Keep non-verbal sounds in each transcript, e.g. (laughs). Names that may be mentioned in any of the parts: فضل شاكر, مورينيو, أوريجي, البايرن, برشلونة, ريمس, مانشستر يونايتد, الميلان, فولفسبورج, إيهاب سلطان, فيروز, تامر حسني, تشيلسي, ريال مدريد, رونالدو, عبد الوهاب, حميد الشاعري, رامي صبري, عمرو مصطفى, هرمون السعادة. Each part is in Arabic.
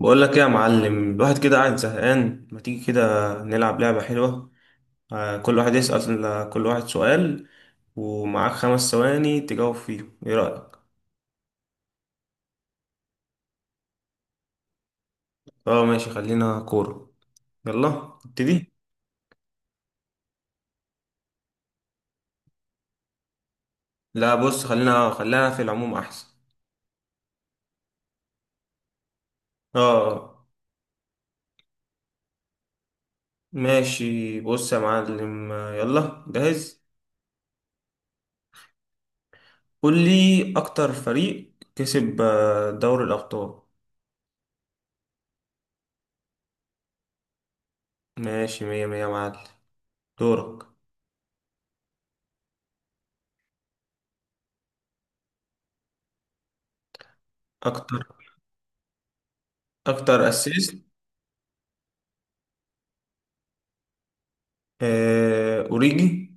بقول لك ايه يا معلم، الواحد كده قاعد زهقان، ما تيجي كده نلعب لعبة حلوة. كل واحد يسأل كل واحد سؤال، ومعاك 5 ثواني تجاوب فيه، ايه رأيك؟ اه ماشي، خلينا كورة. يلا ابتدي. لا بص، خلينا في العموم احسن. اه ماشي، بص يا معلم. يلا جاهز. قول لي اكتر فريق كسب دوري الابطال. ماشي، مية مية يا معلم. دورك. اكتر اكتر اسيست. أوريجي.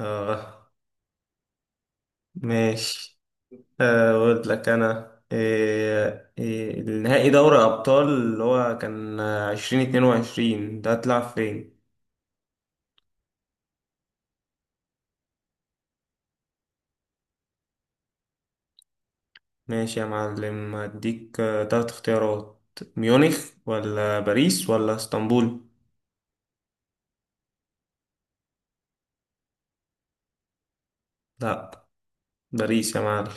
آه ماشي. أقول لك أنا، النهائي دوري أبطال اللي هو كان 2022 ده هتلعب فين؟ ماشي يا معلم، هديك تلات اختيارات. ميونخ ولا باريس ولا اسطنبول؟ لأ. باريس يا معلم.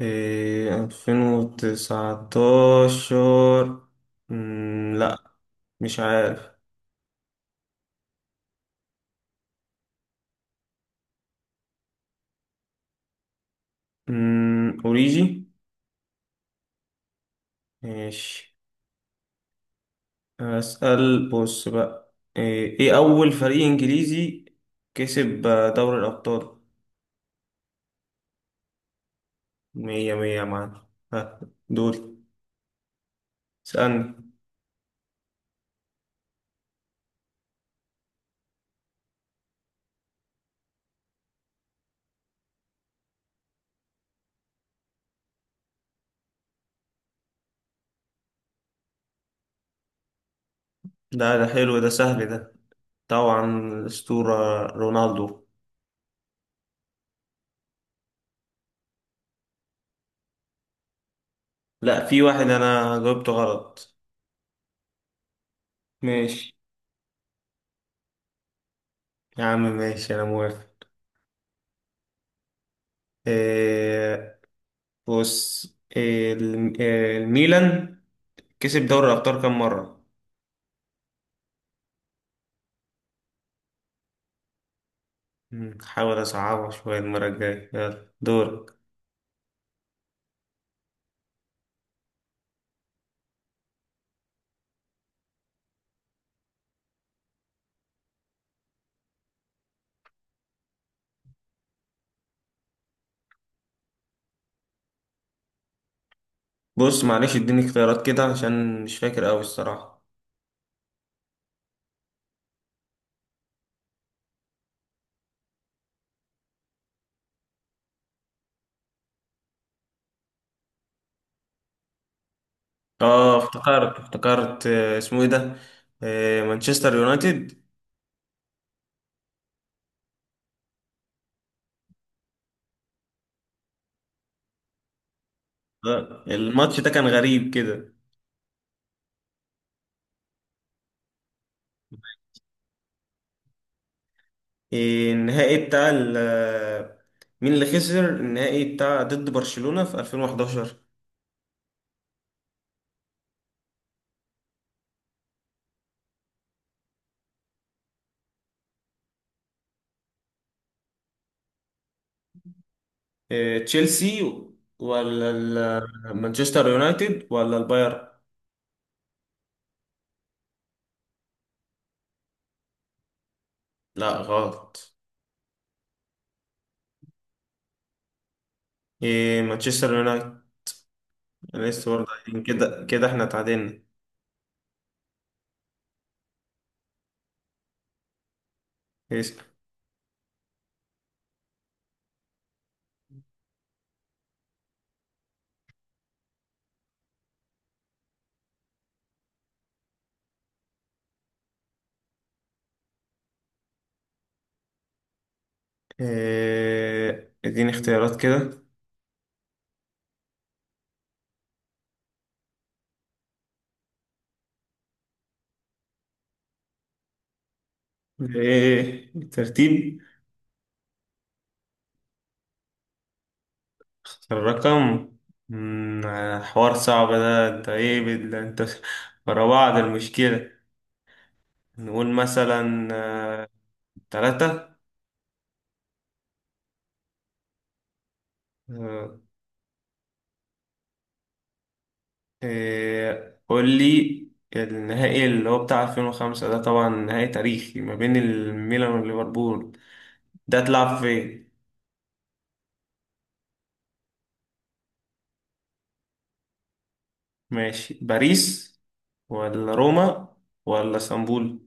إيه، 2019. لأ. مش عارف. أوريجي. ماشي. أسأل بص بقى، إيه أول فريق إنجليزي كسب دوري الأبطال. مية مية يا معلم. ها، دول اسألني. ده حلو، ده سهل ده. طبعا، الأسطورة رونالدو. لا، في واحد أنا جاوبته غلط. ماشي يا عم، ماشي، أنا موافق. إيه، بص. إيه، الميلان كسب دوري الأبطال كام مرة؟ حاول أصعبها شوية المرة الجاية، يلا دور. بص معلش، اديني اختيارات كده عشان مش فاكر قوي الصراحة. اه، افتكرت. اسمه ايه ده؟ مانشستر يونايتد. الماتش ده كان غريب كده. آه، النهائي بتاع ال- آه، مين اللي خسر النهائي بتاع ضد برشلونة في 2011؟ تشيلسي ولا مانشستر يونايتد ولا البايرن؟ لا غلط. مانشستر يونايتد. أنا لسه برضه قايلين كده كده احنا اتعادلنا. اديني اختيارات كده. ايه الترتيب؟ الرقم، حوار صعب ده. انت ورا بعض، المشكلة. نقول مثلا تلاتة. آه، إيه، قول لي، النهائي اللي هو بتاع 2005 ده طبعا نهائي تاريخي ما بين الميلان وليفربول، ده اتلعب فين؟ ماشي، باريس ولا روما ولا اسطنبول؟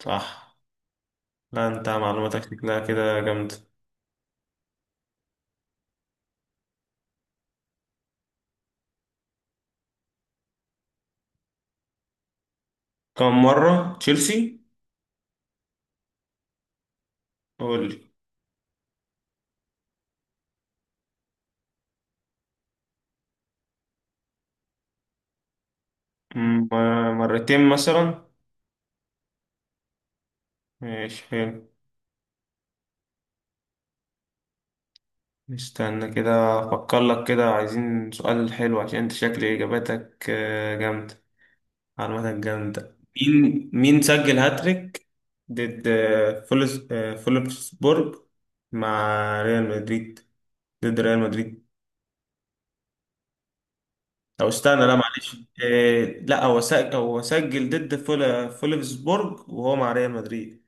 صح. لا انت معلوماتك شكلها كده جامدة. كم مرة تشيلسي؟ قول لي. مم، مرتين مثلا. ماشي حلو. استنى كده افكر لك كده، عايزين سؤال حلو عشان انت شكل اجاباتك جامدة. معلوماتك جامدة. مين سجل هاتريك ضد آه، فولس آه، فولفسبورج مع ريال مدريد؟ ضد ريال مدريد، او استنى لا معلش. لا، هو سجل ضد فولفسبورج وهو مع ريال مدريد.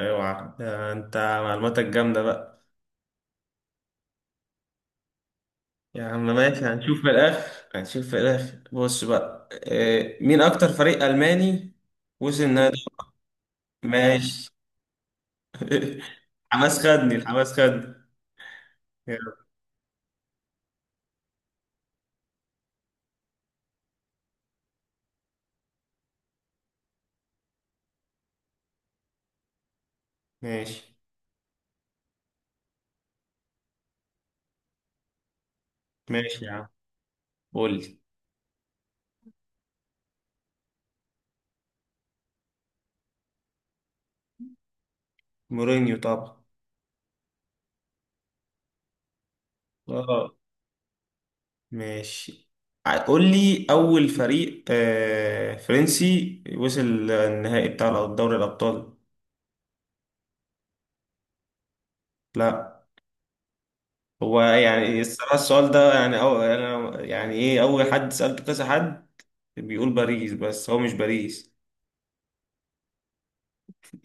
اوعى، ده انت معلوماتك جامدة بقى. يا عم ماشي، هنشوف في الاخر. بص بقى، إيه، مين اكتر فريق الماني وصل النهائي؟ ماشي. (laughs) الحماس خدني، الحماس خدني. يلا. ماشي. ماشي يا عم، قول لي. مورينيو طبعا. اه ماشي. قول لي اول فريق آه فرنسي وصل النهائي بتاع دوري الابطال. لا. هو يعني الصراحة السؤال ده يعني، أو أنا يعني، إيه، أول حد سألته كذا حد بيقول باريس بس هو مش باريس.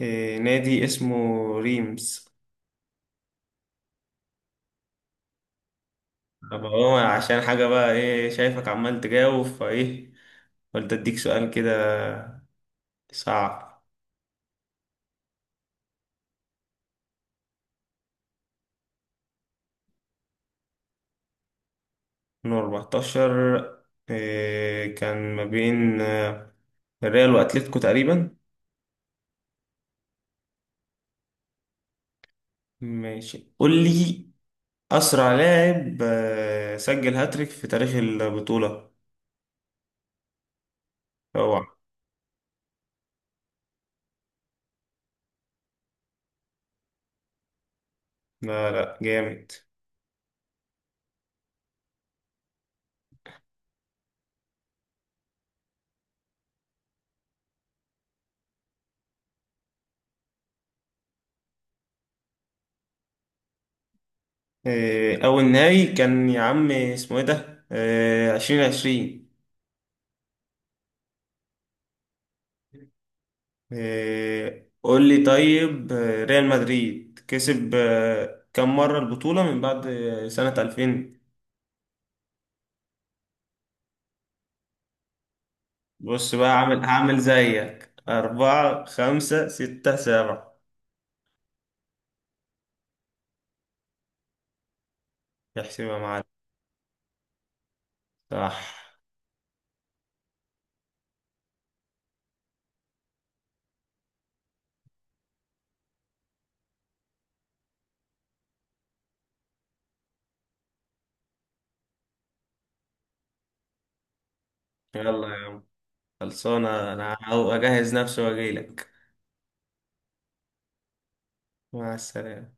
إيه، نادي اسمه ريمس. طب هو عشان حاجة بقى، إيه شايفك عمال تجاوب فإيه. قلت أديك سؤال كده صعب. من 14. إيه، كان ما بين الريال وأتلتيكو تقريبا. ماشي، قول لي. أسرع لاعب سجل هاتريك في تاريخ البطولة. اوعى. لا لا جامد. أول نهائي كان يا عم اسمه إيه ده؟ 2020. قول لي طيب، ريال مدريد كسب كم مرة البطولة من بعد سنة 2000؟ بص بقى عامل هعمل زيك، أربعة خمسة ستة سبعة. احسبها معاك. صح. يلا يا عم، خلصانة، أنا هجهز نفسي وأجيلك. مع السلامة.